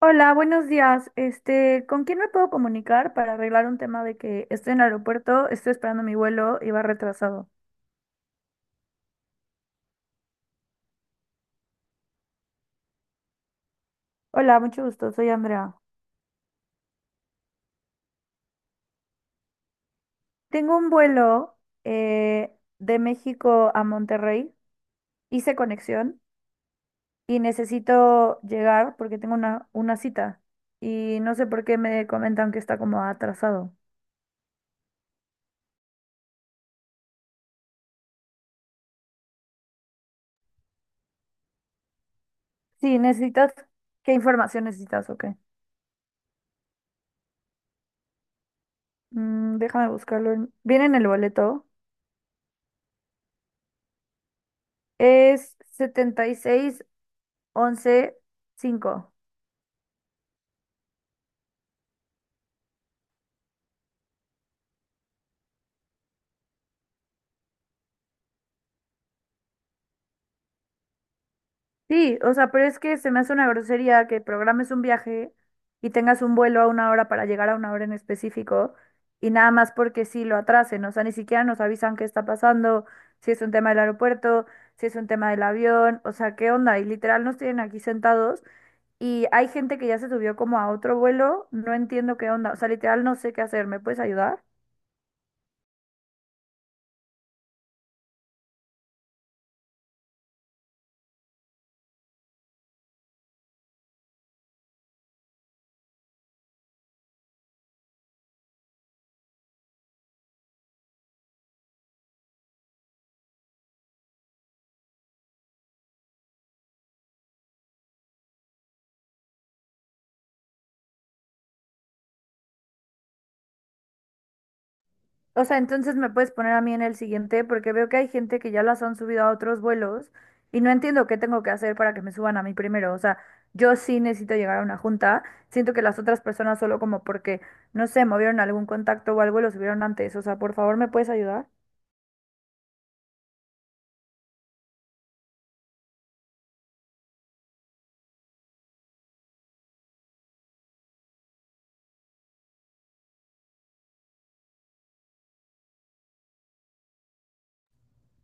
Hola, buenos días. ¿Con quién me puedo comunicar para arreglar un tema de que estoy en el aeropuerto, estoy esperando mi vuelo y va retrasado? Hola, mucho gusto, soy Andrea. Tengo un vuelo de México a Monterrey, hice conexión y necesito llegar porque tengo una cita y no sé por qué me comentan que está como atrasado. Sí, necesitas, ¿qué información necesitas o qué? Mm, déjame buscarlo. Viene en el boleto. Es 11, 5. Sí, o sea, pero es que se me hace una grosería que programes un viaje y tengas un vuelo a una hora para llegar a una hora en específico y nada más porque sí lo atrasen, o sea, ni siquiera nos avisan qué está pasando, si es un tema del aeropuerto, si es un tema del avión, o sea, ¿qué onda? Y literal nos tienen aquí sentados y hay gente que ya se subió como a otro vuelo, no entiendo qué onda, o sea, literal no sé qué hacer, ¿me puedes ayudar? O sea, entonces me puedes poner a mí en el siguiente porque veo que hay gente que ya las han subido a otros vuelos y no entiendo qué tengo que hacer para que me suban a mí primero. O sea, yo sí necesito llegar a una junta. Siento que las otras personas solo como porque, no sé, movieron algún contacto o algo y lo subieron antes. O sea, por favor, ¿me puedes ayudar?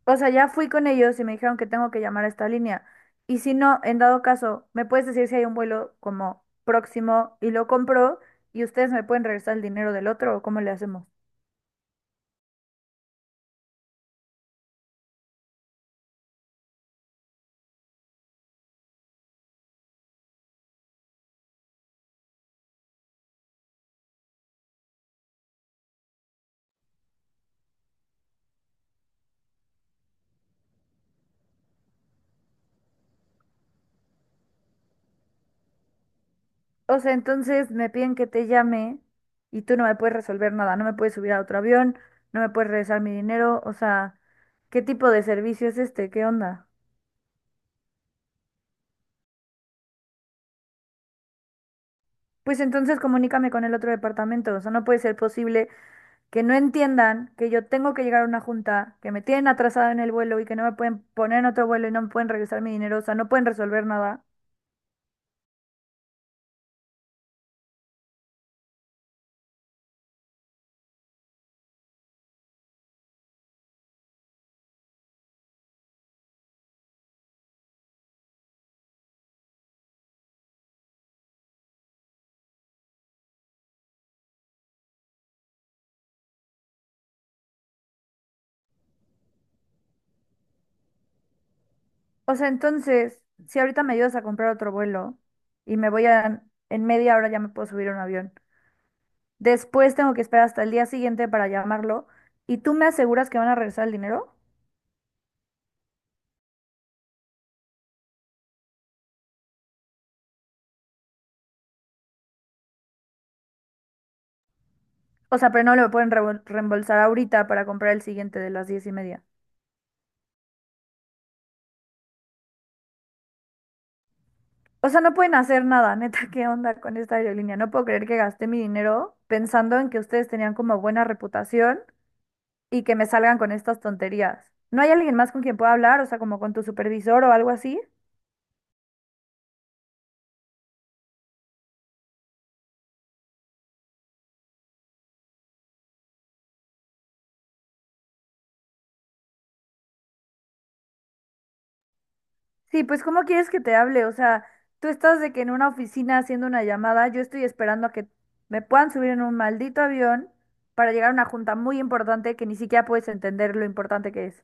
O sea, ya fui con ellos y me dijeron que tengo que llamar a esta línea. Y si no, en dado caso, ¿me puedes decir si hay un vuelo como próximo y lo compro y ustedes me pueden regresar el dinero del otro o cómo le hacemos? O sea, entonces me piden que te llame y tú no me puedes resolver nada, no me puedes subir a otro avión, no me puedes regresar mi dinero, o sea, ¿qué tipo de servicio es este? ¿Qué onda? Pues entonces comunícame con el otro departamento, o sea, no puede ser posible que no entiendan que yo tengo que llegar a una junta, que me tienen atrasada en el vuelo y que no me pueden poner en otro vuelo y no me pueden regresar mi dinero, o sea, no pueden resolver nada. O sea, entonces, si ahorita me ayudas a comprar otro vuelo y me voy a, en media hora ya me puedo subir a un avión. Después tengo que esperar hasta el día siguiente para llamarlo. ¿Y tú me aseguras que van a regresar el dinero? O sea, pero no lo pueden reembolsar ahorita para comprar el siguiente de las 10:30. O sea, no pueden hacer nada, neta, ¿qué onda con esta aerolínea? No puedo creer que gasté mi dinero pensando en que ustedes tenían como buena reputación y que me salgan con estas tonterías. ¿No hay alguien más con quien pueda hablar? O sea, como con tu supervisor o algo así. Sí, pues ¿cómo quieres que te hable? O sea, tú estás de que en una oficina haciendo una llamada, yo estoy esperando a que me puedan subir en un maldito avión para llegar a una junta muy importante que ni siquiera puedes entender lo importante que es.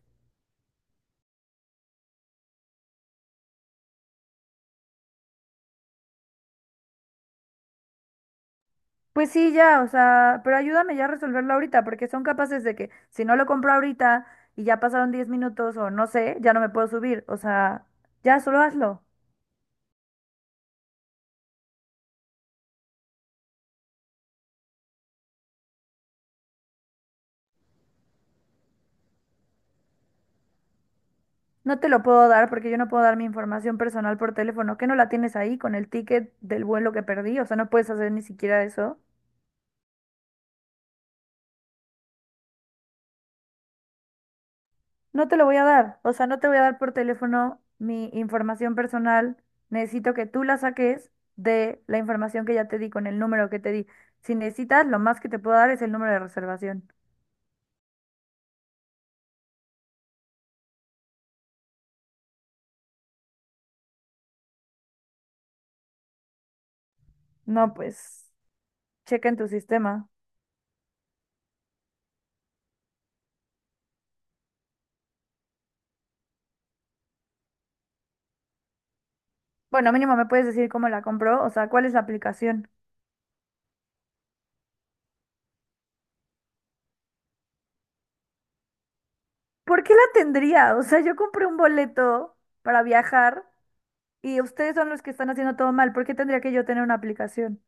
Pues sí, ya, o sea, pero ayúdame ya a resolverlo ahorita, porque son capaces de que si no lo compro ahorita y ya pasaron 10 minutos o no sé, ya no me puedo subir. O sea, ya solo hazlo. No te lo puedo dar porque yo no puedo dar mi información personal por teléfono. ¿Qué no la tienes ahí con el ticket del vuelo que perdí? O sea, no puedes hacer ni siquiera eso. No te lo voy a dar, o sea, no te voy a dar por teléfono mi información personal. Necesito que tú la saques de la información que ya te di con el número que te di. Si necesitas, lo más que te puedo dar es el número de reservación. No, pues, checa en tu sistema. Bueno, mínimo me puedes decir cómo la compró, o sea, cuál es la aplicación. ¿Por qué la tendría? O sea, yo compré un boleto para viajar y ustedes son los que están haciendo todo mal. ¿Por qué tendría que yo tener una aplicación?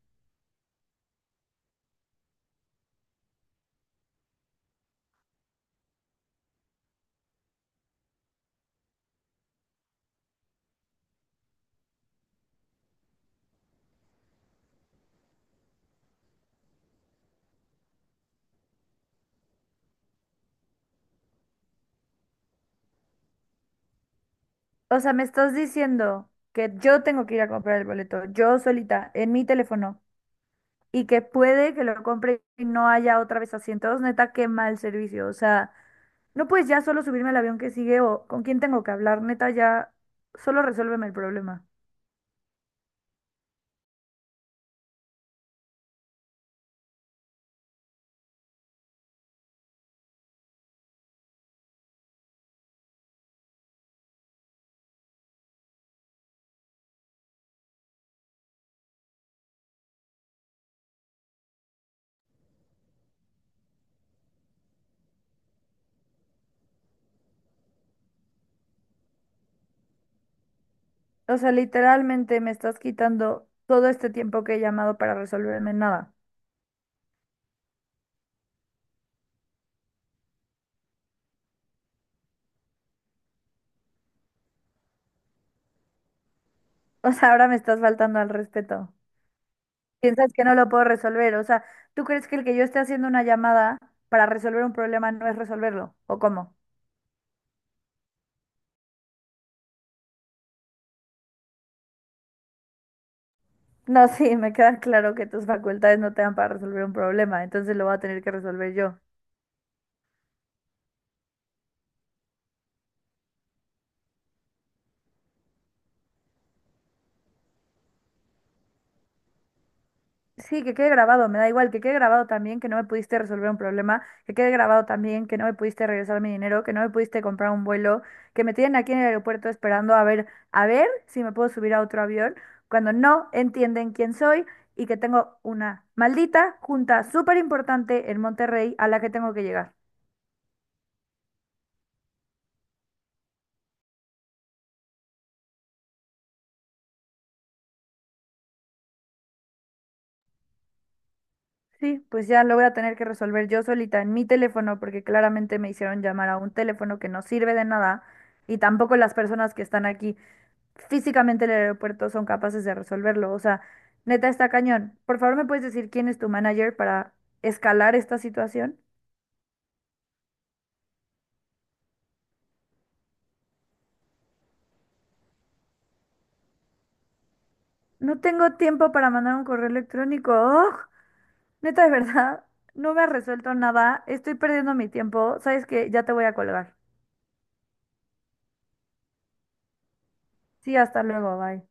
O sea, me estás diciendo que yo tengo que ir a comprar el boleto, yo solita, en mi teléfono, y que puede que lo compre y no haya otra vez asientos. Neta, qué mal servicio. O sea, no puedes ya solo subirme al avión que sigue o con quién tengo que hablar. Neta, ya solo resuélveme el problema. O sea, literalmente me estás quitando todo este tiempo que he llamado para resolverme nada. O sea, ahora me estás faltando al respeto. Piensas que no lo puedo resolver. O sea, ¿tú crees que el que yo esté haciendo una llamada para resolver un problema no es resolverlo? ¿O cómo? No, sí, me queda claro que tus facultades no te dan para resolver un problema, entonces lo voy a tener que resolver yo. Sí, que quede grabado, me da igual, que quede grabado también que no me pudiste resolver un problema, que quede grabado también que no me pudiste regresar mi dinero, que no me pudiste comprar un vuelo, que me tienen aquí en el aeropuerto esperando a ver si me puedo subir a otro avión, cuando no entienden quién soy y que tengo una maldita junta súper importante en Monterrey a la que tengo que llegar. Sí, pues ya lo voy a tener que resolver yo solita en mi teléfono porque claramente me hicieron llamar a un teléfono que no sirve de nada y tampoco las personas que están aquí físicamente en el aeropuerto son capaces de resolverlo. O sea, neta está cañón. Por favor, ¿me puedes decir quién es tu manager para escalar esta situación? No tengo tiempo para mandar un correo electrónico. ¡Ugh! Neta, de verdad, no me has resuelto nada. Estoy perdiendo mi tiempo. ¿Sabes que Ya te voy a colgar. Sí, hasta luego, bye.